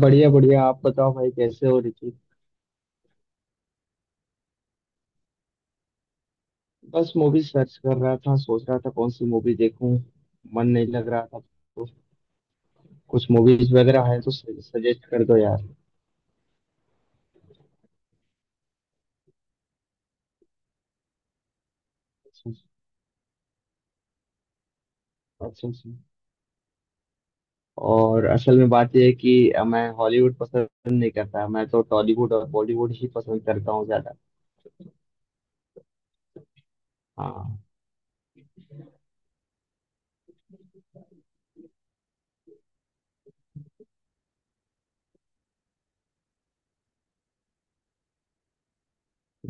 बढ़िया बढ़िया, आप बताओ भाई, कैसे हो रिकी? बस मूवी सर्च कर रहा था, सोच रहा था कौन सी मूवी देखूं। मन नहीं लग रहा था, तो कुछ मूवीज वगैरह है तो सजेस्ट कर दो यार। अच्छा अच्छा। और असल में बात यह है कि मैं हॉलीवुड पसंद नहीं करता, मैं तो टॉलीवुड और बॉलीवुड ही पसंद करता हूँ ज्यादा। हाँ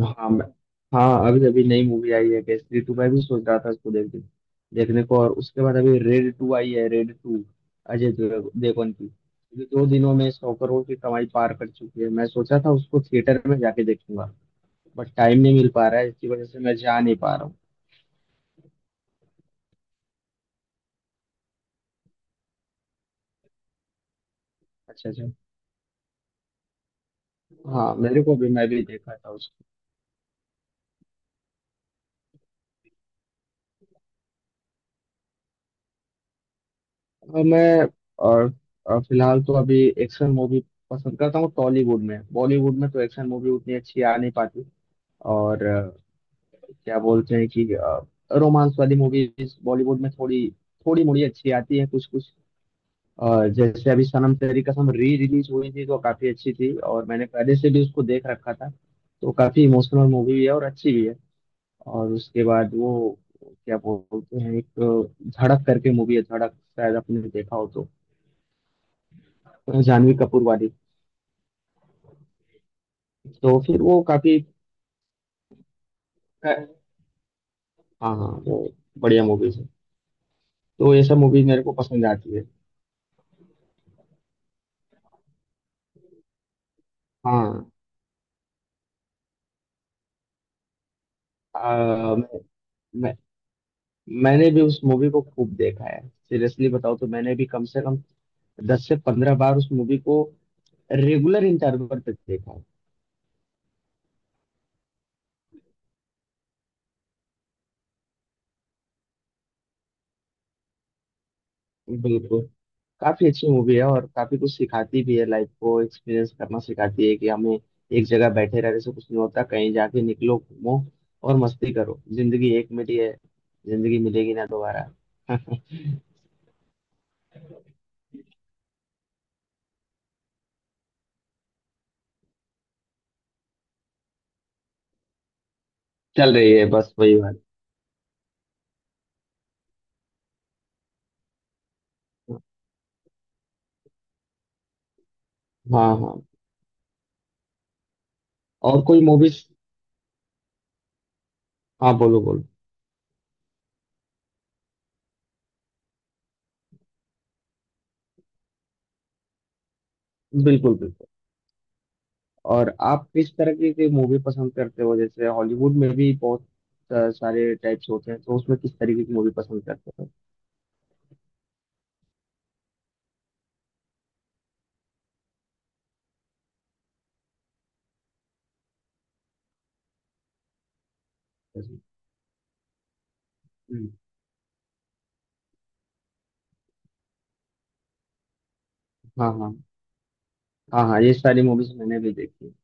हाँ हाँ, अभी अभी नई मूवी आई है केसरी टू, मैं भी सोच रहा था उसको देखने देखने को, और उसके बाद अभी रेड टू आई है। रेड टू, देवगन की। ये दो दिनों में 100 करोड़ की कमाई पार कर चुकी है। मैं सोचा था उसको थिएटर में जाके देखूंगा, बट टाइम नहीं मिल पा रहा है, इसकी वजह से मैं जा नहीं पा रहा हूँ। अच्छा अच्छा। हाँ, मेरे को भी, मैं भी देखा था उसको। और मैं और, और फिलहाल तो अभी एक्शन मूवी पसंद करता हूँ। टॉलीवुड में, बॉलीवुड में तो एक्शन मूवी उतनी अच्छी आ नहीं पाती। और क्या बोलते हैं कि रोमांस वाली मूवीज बॉलीवुड में थोड़ी थोड़ी मोड़ी अच्छी आती है, कुछ कुछ। जैसे अभी सनम तेरी कसम री रिलीज हुई थी, तो काफी अच्छी थी, और मैंने पहले से भी उसको देख रखा था। तो काफी इमोशनल मूवी भी है और अच्छी भी है। और उसके बाद वो क्या बोलते हैं, एक धड़क करके मूवी है, धड़क, शायद आपने देखा हो तो, जानवी कपूर वाली। तो फिर वो काफी, हाँ हाँ, वो बढ़िया मूवीज है। तो ये सब मूवीज मेरे को पसंद आती है। हाँ। आ, मैं, मैंने भी उस मूवी को खूब देखा है। सीरियसली बताओ, तो मैंने भी कम से कम 10 से 15 बार उस मूवी को रेगुलर इंटरवल पे देखा है। बिल्कुल, काफी अच्छी मूवी है और काफी कुछ सिखाती भी है। लाइफ को एक्सपीरियंस करना सिखाती है, कि हमें एक जगह बैठे रहने से कुछ नहीं होता, कहीं जाके निकलो घूमो और मस्ती करो, जिंदगी एक मिली है। जिंदगी मिलेगी ना दोबारा। चल रही है, बस वही बात। हाँ हाँ। और कोई मूवीज। हाँ बोलो बोलो। बिल्कुल बिल्कुल। और आप किस तरह की मूवी पसंद करते हो? जैसे हॉलीवुड में भी बहुत सारे टाइप्स होते हैं, तो उसमें किस तरीके की मूवी पसंद करते हो? जैसे- हम्म। हाँ हाँ हाँ हाँ, ये सारी मूवीज मैंने भी देखी।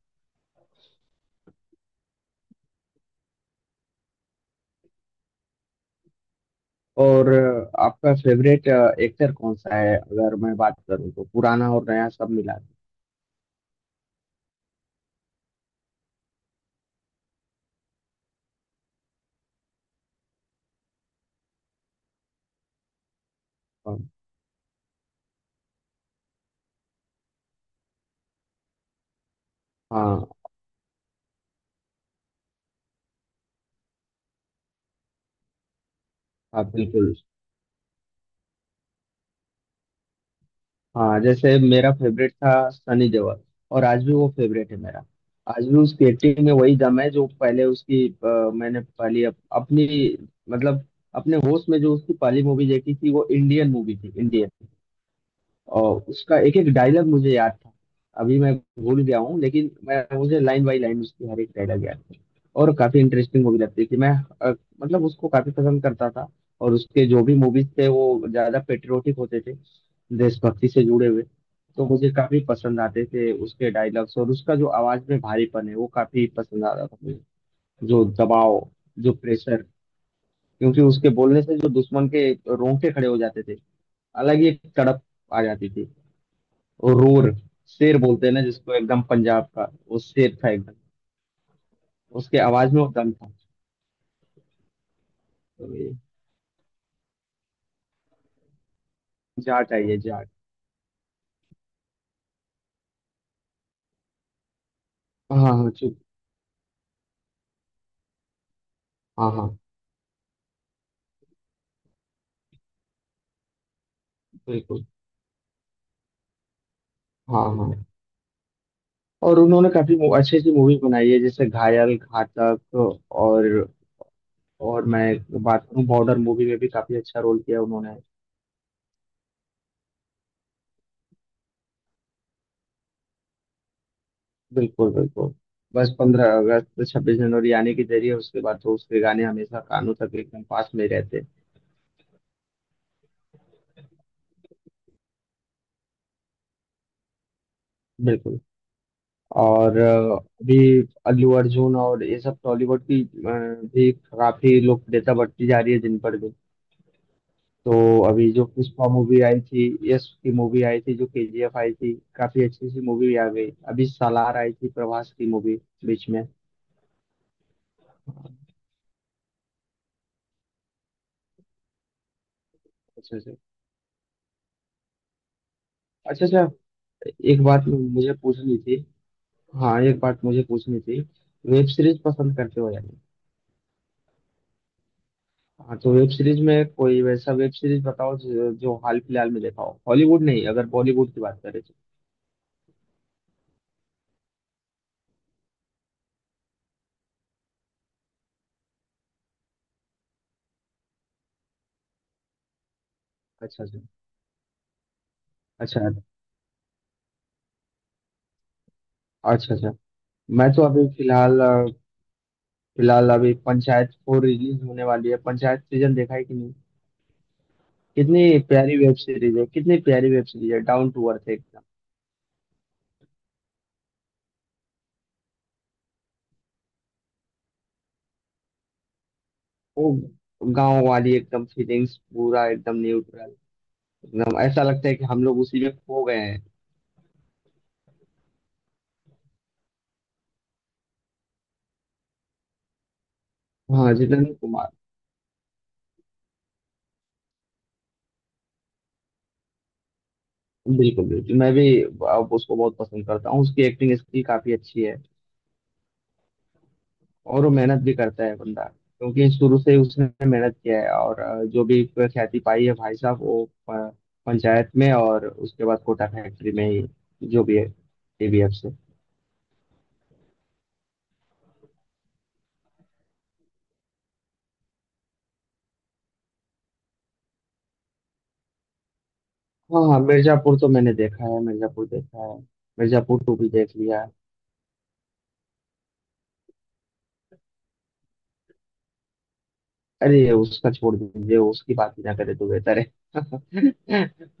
और आपका फेवरेट एक्टर कौन सा है, अगर मैं बात करूँ तो, पुराना और नया सब मिला के? हाँ हाँ हाँ बिल्कुल। हाँ, जैसे मेरा फेवरेट था सनी देओल, और आज भी वो फेवरेट है मेरा। आज भी उसकी एक्टिंग में वही दम है, जो पहले उसकी, मैंने पहली अपनी मतलब अपने होश में जो उसकी पहली मूवी देखी थी, वो इंडियन मूवी थी, इंडियन। और उसका एक एक डायलॉग मुझे याद था। अभी मैं भूल गया हूँ, लेकिन मैं मुझे लाइन बाई लाइन उसकी हर एक डायलॉग याद। और काफी इंटरेस्टिंग मूवी लगती थी। अ, मतलब उसको काफी पसंद करता था। और उसके जो भी मूवीज थे वो ज्यादा पेट्रियोटिक होते थे, देशभक्ति से जुड़े हुए। तो मुझे काफी पसंद आते थे उसके डायलॉग्स। और उसका जो आवाज में भारीपन है वो काफी पसंद आता था मुझे। जो दबाव, जो प्रेशर, क्योंकि उसके बोलने से जो दुश्मन के रोंगटे खड़े हो जाते थे, अलग ही एक तड़प आ जाती थी। और रोर, शेर बोलते हैं ना जिसको, एकदम पंजाब का वो शेर था एकदम। उसके आवाज में वो दम था। तो ये जा चाहिए जा। हाँ हाँ हाँ, चुप। हाँ हाँ बिल्कुल। हाँ हाँ। और उन्होंने काफी अच्छी अच्छी मूवी बनाई है, जैसे घायल, घातक। और और मैं बात करूँ, बॉर्डर मूवी में भी काफी अच्छा रोल किया उन्होंने। बिल्कुल बिल्कुल। बस 15 अगस्त, 26 जनवरी आने के जरिए उसके बाद तो उसके गाने हमेशा कानों तक एकदम पास में रहते। बिल्कुल। और अभी अल्लू अर्जुन और ये सब टॉलीवुड की भी काफी लोकप्रियता बढ़ती जा रही है दिन पर दिन। तो अभी जो पुष्पा मूवी आई थी, यश की मूवी आई थी जो केजीएफ आई थी, काफी अच्छी सी मूवी भी आ गई, अभी सालार आई थी, प्रभास की मूवी, बीच में। अच्छे से। अच्छा अच्छा। एक बात मुझे पूछनी थी। हाँ, एक बात मुझे पूछनी थी। वेब सीरीज पसंद करते हो या नहीं? हाँ, तो वेब सीरीज में कोई वैसा वेब सीरीज बताओ जो हाल फिलहाल में देखा हो, हॉलीवुड नहीं, अगर बॉलीवुड की बात करें तो। अच्छा अच्छा अच्छा अच्छा अच्छा। मैं तो अभी फिलहाल फिलहाल अभी पंचायत 4 रिलीज होने वाली है। पंचायत सीजन देखा है कि नहीं? कितनी प्यारी वेब सीरीज है, कितनी प्यारी वेब सीरीज है, डाउन टू अर्थ एकदम। वो गांव वाली एकदम फीलिंग्स, पूरा एकदम न्यूट्रल। एकदम ऐसा लगता है कि हम लोग उसी में खो गए हैं। हाँ, जितेंद्र कुमार। बिल्कुल बिल्कुल, मैं भी अब उसको बहुत पसंद करता हूँ, उसकी एक्टिंग स्किल काफी अच्छी है। और वो मेहनत भी करता है बंदा, क्योंकि शुरू से ही उसने मेहनत किया है, और जो भी ख्याति पाई है भाई साहब, वो प- पंचायत में और उसके बाद कोटा फैक्ट्री में ही, जो भी है, एबीएफ से। हाँ हाँ, मिर्जापुर तो मैंने देखा है, मिर्जापुर देखा है। मिर्जापुर टू भी देख लिया। अरे उसका छोड़ दीजिए, उसकी बात ही ना करे तो बेहतर है।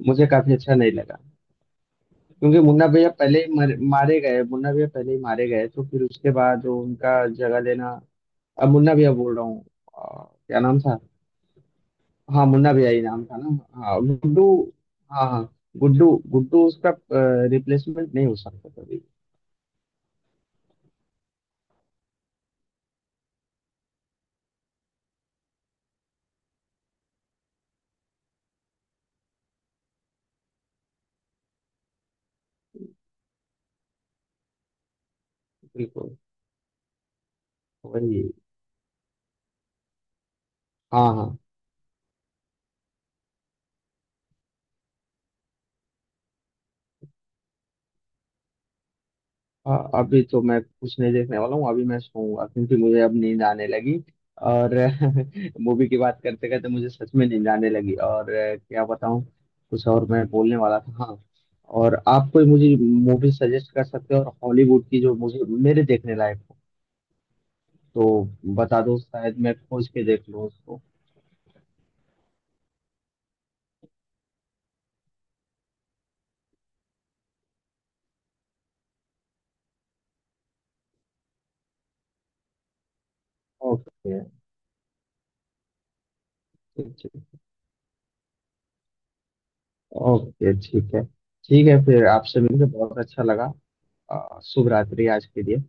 मुझे काफी अच्छा नहीं लगा, क्योंकि मुन्ना भैया पहले ही मारे गए। मुन्ना भैया पहले ही मारे गए, तो फिर उसके बाद वो उनका जगह लेना। अब मुन्ना भैया बोल रहा हूँ, क्या नाम था? हाँ, मुन्ना भाई नाम था ना? हाँ, गुड्डू। हाँ हाँ, गुड्डू, गुड्डू। उसका रिप्लेसमेंट नहीं हो सकता कभी। बिल्कुल, वही। हाँ हाँ। अभी तो मैं कुछ नहीं देखने वाला हूँ, अभी मैं सोऊंगा, क्योंकि मुझे अब नींद आने लगी। और मूवी की बात करते करते मुझे सच में नींद आने लगी, और क्या बताऊँ। कुछ और मैं बोलने वाला था, हाँ। और आप कोई मुझे मूवी सजेस्ट कर सकते हो, और हॉलीवुड की जो मुझे, मेरे देखने लायक हो, तो बता दो, शायद मैं खोज के देख लूँ। ओके। ठीक ठीक। ओके, ठीक है। ठीक है, फिर आपसे मिलकर बहुत अच्छा लगा। शुभ रात्रि आज के लिए।